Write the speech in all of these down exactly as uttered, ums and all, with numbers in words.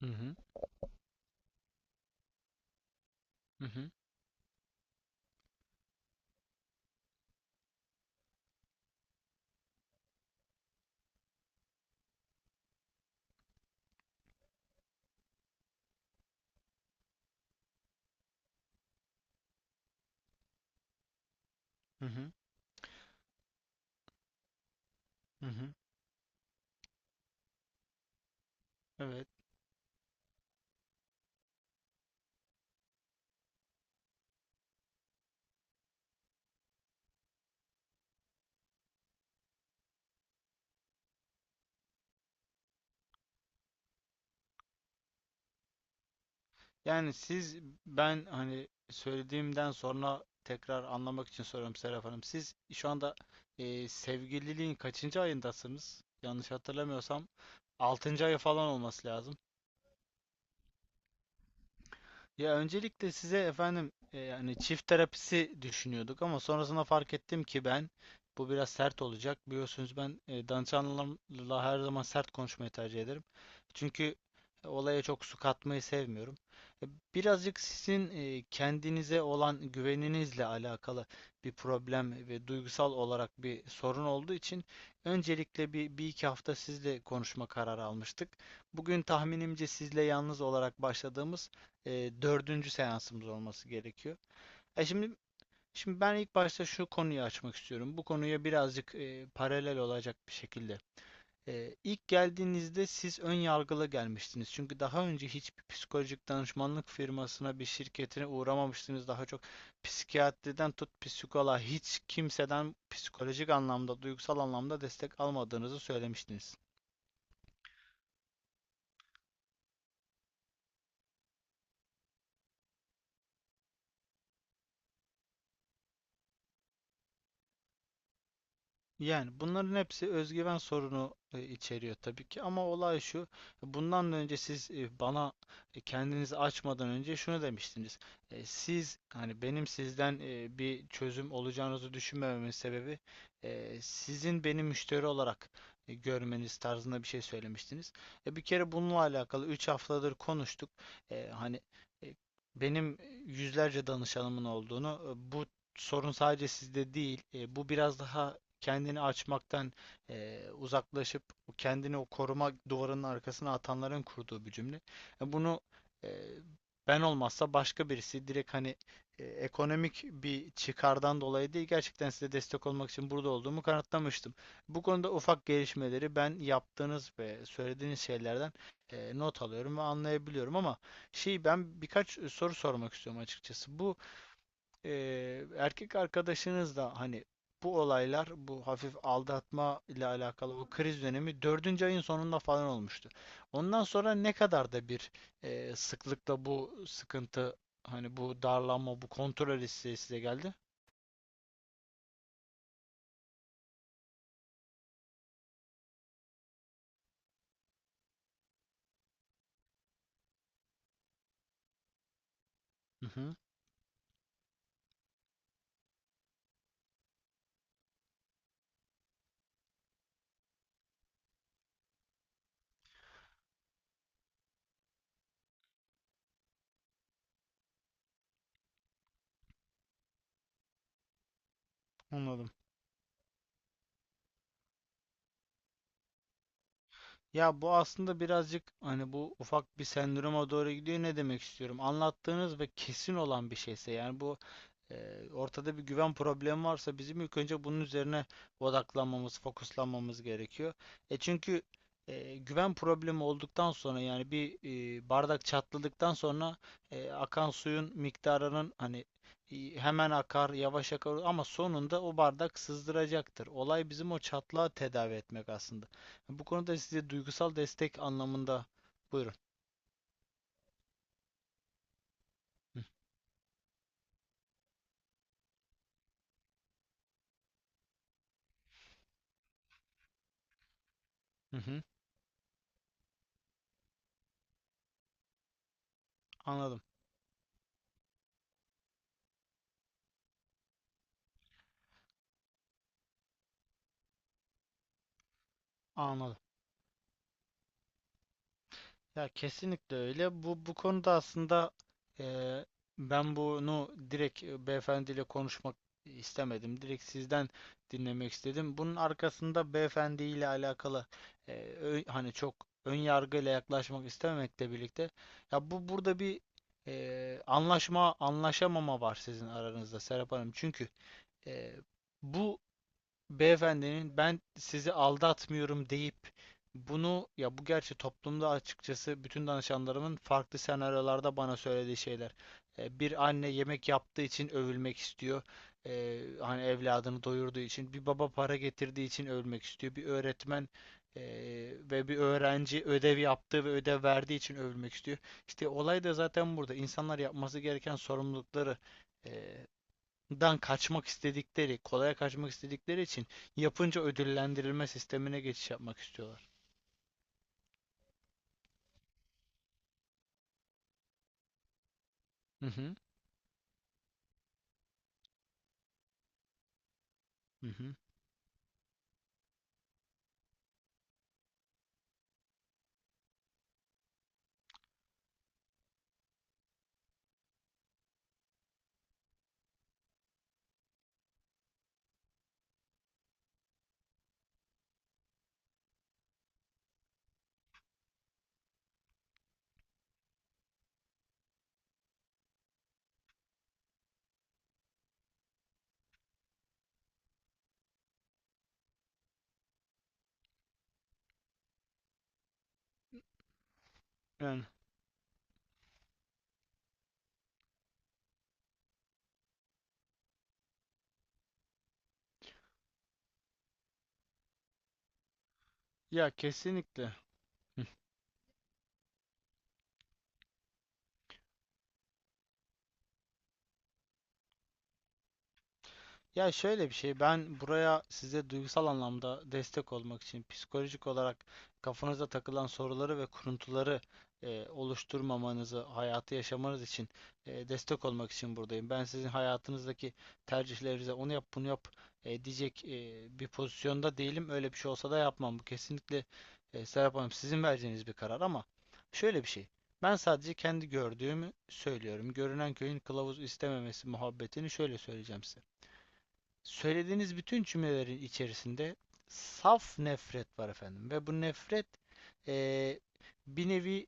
Hı hı, hı hı, hı hı, hı hı. Evet. Yani siz ben hani söylediğimden sonra tekrar anlamak için soruyorum Serap Hanım. Siz şu anda e, sevgililiğin kaçıncı ayındasınız? Yanlış hatırlamıyorsam altıncı ayı falan olması lazım. Ya öncelikle size efendim e, yani çift terapisi düşünüyorduk ama sonrasında fark ettim ki ben bu biraz sert olacak. Biliyorsunuz ben e, danışanlarımla her zaman sert konuşmayı tercih ederim. Çünkü e, olaya çok su katmayı sevmiyorum. E, Birazcık sizin e, kendinize olan güveninizle alakalı bir problem ve duygusal olarak bir sorun olduğu için öncelikle bir, bir iki hafta sizle konuşma kararı almıştık. Bugün tahminimce sizle yalnız olarak başladığımız e, dördüncü seansımız olması gerekiyor. E şimdi şimdi ben ilk başta şu konuyu açmak istiyorum. Bu konuya birazcık e, paralel olacak bir şekilde. E, ilk geldiğinizde siz ön yargılı gelmiştiniz. Çünkü daha önce hiçbir psikolojik danışmanlık firmasına, bir şirketine uğramamıştınız. Daha çok psikiyatriden tut psikoloğa hiç kimseden psikolojik anlamda, duygusal anlamda destek almadığınızı söylemiştiniz. Yani bunların hepsi özgüven sorunu e, içeriyor tabii ki ama olay şu. Bundan önce siz e, bana e, kendinizi açmadan önce şunu demiştiniz. E, Siz hani benim sizden e, bir çözüm olacağınızı düşünmememin sebebi e, sizin beni müşteri olarak e, görmeniz tarzında bir şey söylemiştiniz. E, Bir kere bununla alakalı üç haftadır konuştuk. E, Hani e, benim e, yüzlerce danışanımın olduğunu, e, bu sorun sadece sizde değil. E, bu biraz daha kendini açmaktan eee, uzaklaşıp kendini o koruma duvarının arkasına atanların kurduğu bir cümle. E, Bunu, eee, ben olmazsa başka birisi direkt hani e, ekonomik bir çıkardan dolayı değil gerçekten size destek olmak için burada olduğumu kanıtlamıştım. Bu konuda ufak gelişmeleri ben yaptığınız ve söylediğiniz şeylerden e, not alıyorum ve anlayabiliyorum ama şey ben birkaç soru sormak istiyorum açıkçası. Bu eee, Erkek arkadaşınız da hani bu olaylar, bu hafif aldatma ile alakalı bu kriz dönemi dördüncü ayın sonunda falan olmuştu. Ondan sonra ne kadar da bir, eee, sıklıkla bu sıkıntı, hani bu darlanma, bu kontrol isteği size geldi? Hı hı, anladım. Ya bu aslında birazcık hani bu ufak bir sendroma doğru gidiyor. Ne demek istiyorum? Anlattığınız ve kesin olan bir şeyse, yani bu Eee, ortada bir güven problemi varsa bizim ilk önce bunun üzerine odaklanmamız, fokuslanmamız gerekiyor. E çünkü eee, güven problemi olduktan sonra, yani bir, eee, bardak çatladıktan sonra eee, akan suyun miktarının hani hemen akar, yavaş akar ama sonunda o bardak sızdıracaktır. Olay bizim o çatlağı tedavi etmek aslında. Bu konuda size duygusal destek anlamında buyurun. Hı hı. Anladım. Anladım. Ya kesinlikle öyle. Bu bu konuda aslında eee, ben bunu direkt e, beyefendiyle konuşmak istemedim. Direkt sizden dinlemek istedim. Bunun arkasında beyefendiyle alakalı e, ö- hani çok ön yargıyla yaklaşmak istememekle birlikte ya bu burada bir e, anlaşma anlaşamama var sizin aranızda Serap Hanım. Çünkü e, bu beyefendinin ben sizi aldatmıyorum deyip bunu, ya bu gerçi toplumda açıkçası bütün danışanlarımın farklı senaryolarda bana söylediği şeyler. E, bir anne yemek yaptığı için övülmek istiyor. E, hani evladını doyurduğu için. Bir baba para getirdiği için övülmek istiyor. Bir öğretmen e, ve bir öğrenci ödev yaptığı ve ödev verdiği için övülmek istiyor. İşte olay da zaten burada. İnsanlar yapması gereken sorumlulukları e, dan kaçmak istedikleri, kolaya kaçmak istedikleri için yapınca ödüllendirilme sistemine geçiş yapmak istiyorlar. Hı hı. Hı hı. Yani ya kesinlikle. Ya şöyle bir şey, ben buraya size duygusal anlamda destek olmak için, psikolojik olarak kafanıza takılan soruları ve kuruntuları e, oluşturmamanızı, hayatı yaşamanız için e, destek olmak için buradayım. Ben sizin hayatınızdaki tercihlerinize onu yap, bunu yap e, diyecek e, bir pozisyonda değilim. Öyle bir şey olsa da yapmam. Bu kesinlikle e, Serap Hanım sizin vereceğiniz bir karar ama şöyle bir şey. Ben sadece kendi gördüğümü söylüyorum. Görünen köyün kılavuz istememesi muhabbetini şöyle söyleyeceğim size. Söylediğiniz bütün cümlelerin içerisinde saf nefret var efendim ve bu nefret, eee, bir nevi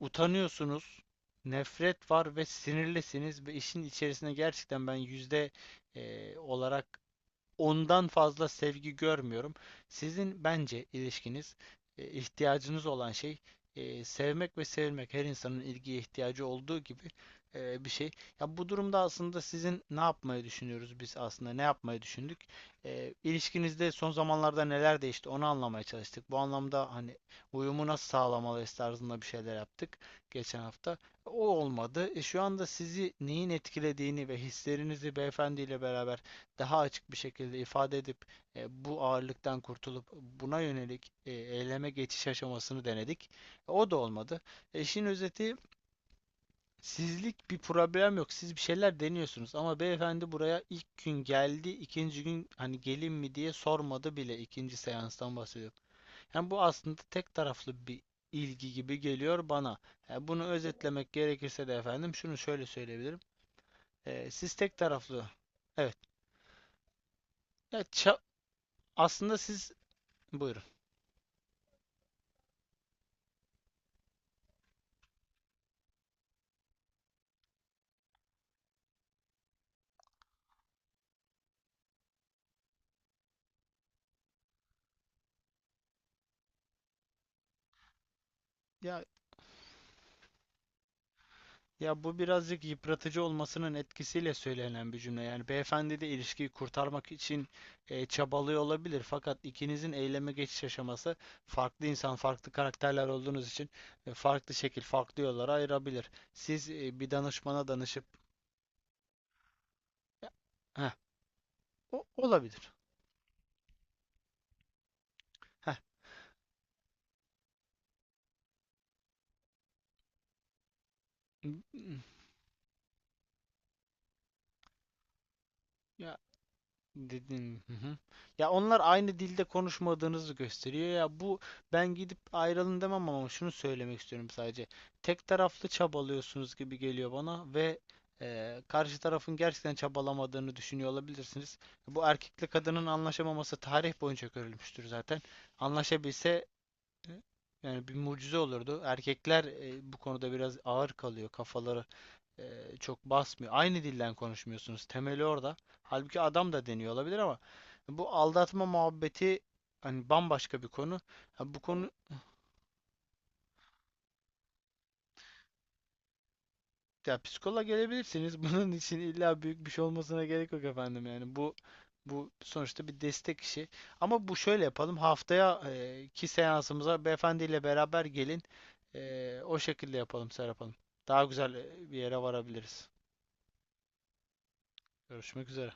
utanıyorsunuz, nefret var ve sinirlisiniz ve işin içerisine gerçekten ben yüzde eee, olarak ondan fazla sevgi görmüyorum. Sizin bence ilişkiniz, e, ihtiyacınız olan şey e, sevmek ve sevilmek. Her insanın ilgiye ihtiyacı olduğu gibi e, bir şey. Ya bu durumda aslında sizin ne yapmayı düşünüyoruz, biz aslında ne yapmayı düşündük? E, ilişkinizde son zamanlarda neler değişti onu anlamaya çalıştık. Bu anlamda hani uyumu nasıl sağlamalıyız tarzında bir şeyler yaptık geçen hafta. O olmadı. E, şu anda sizi neyin etkilediğini ve hislerinizi beyefendiyle beraber daha açık bir şekilde ifade edip e, bu ağırlıktan kurtulup buna yönelik e, eyleme geçiş aşamasını denedik. E, O da olmadı. E, İşin özeti sizlik bir problem yok. Siz bir şeyler deniyorsunuz ama beyefendi buraya ilk gün geldi, ikinci gün hani gelin mi diye sormadı bile, ikinci seanstan bahsediyorum. Yani bu aslında tek taraflı bir ilgi gibi geliyor bana. E, bunu özetlemek gerekirse de efendim şunu şöyle söyleyebilirim. E, siz tek taraflı. Evet. Ya ça- aslında siz buyurun. Ya ya bu birazcık yıpratıcı olmasının etkisiyle söylenen bir cümle. Yani beyefendi de ilişkiyi kurtarmak için e, çabalıyor olabilir. Fakat ikinizin eyleme geçiş aşaması farklı insan, farklı karakterler olduğunuz için e, farklı şekil, farklı yollara ayırabilir. Siz e, bir danışmana danışıp. Ya, heh, o, olabilir. Heh. Ya Dedin. Hı hı. Ya onlar aynı dilde konuşmadığınızı gösteriyor. Ya bu, ben gidip ayrılın demem ama şunu söylemek istiyorum sadece. Tek taraflı çabalıyorsunuz gibi geliyor bana ve eee, karşı tarafın gerçekten çabalamadığını düşünüyor olabilirsiniz. Bu erkekle kadının anlaşamaması tarih boyunca görülmüştür zaten. Anlaşabilse e, yani bir mucize olurdu. Erkekler e, bu konuda biraz ağır kalıyor. Kafaları e, çok basmıyor. Aynı dilden konuşmuyorsunuz. Temeli orada. Halbuki adam da deniyor olabilir ama bu aldatma muhabbeti hani bambaşka bir konu. Ha, bu konu ya psikoloğa gelebilirsiniz. Bunun için illa büyük bir şey olmasına gerek yok efendim. Yani bu bu sonuçta bir destek işi. Ama bu şöyle yapalım. Haftaya e, ki seansımıza beyefendiyle beraber gelin. E, o şekilde yapalım Serap Hanım. Daha güzel e, bir yere varabiliriz. Görüşmek üzere.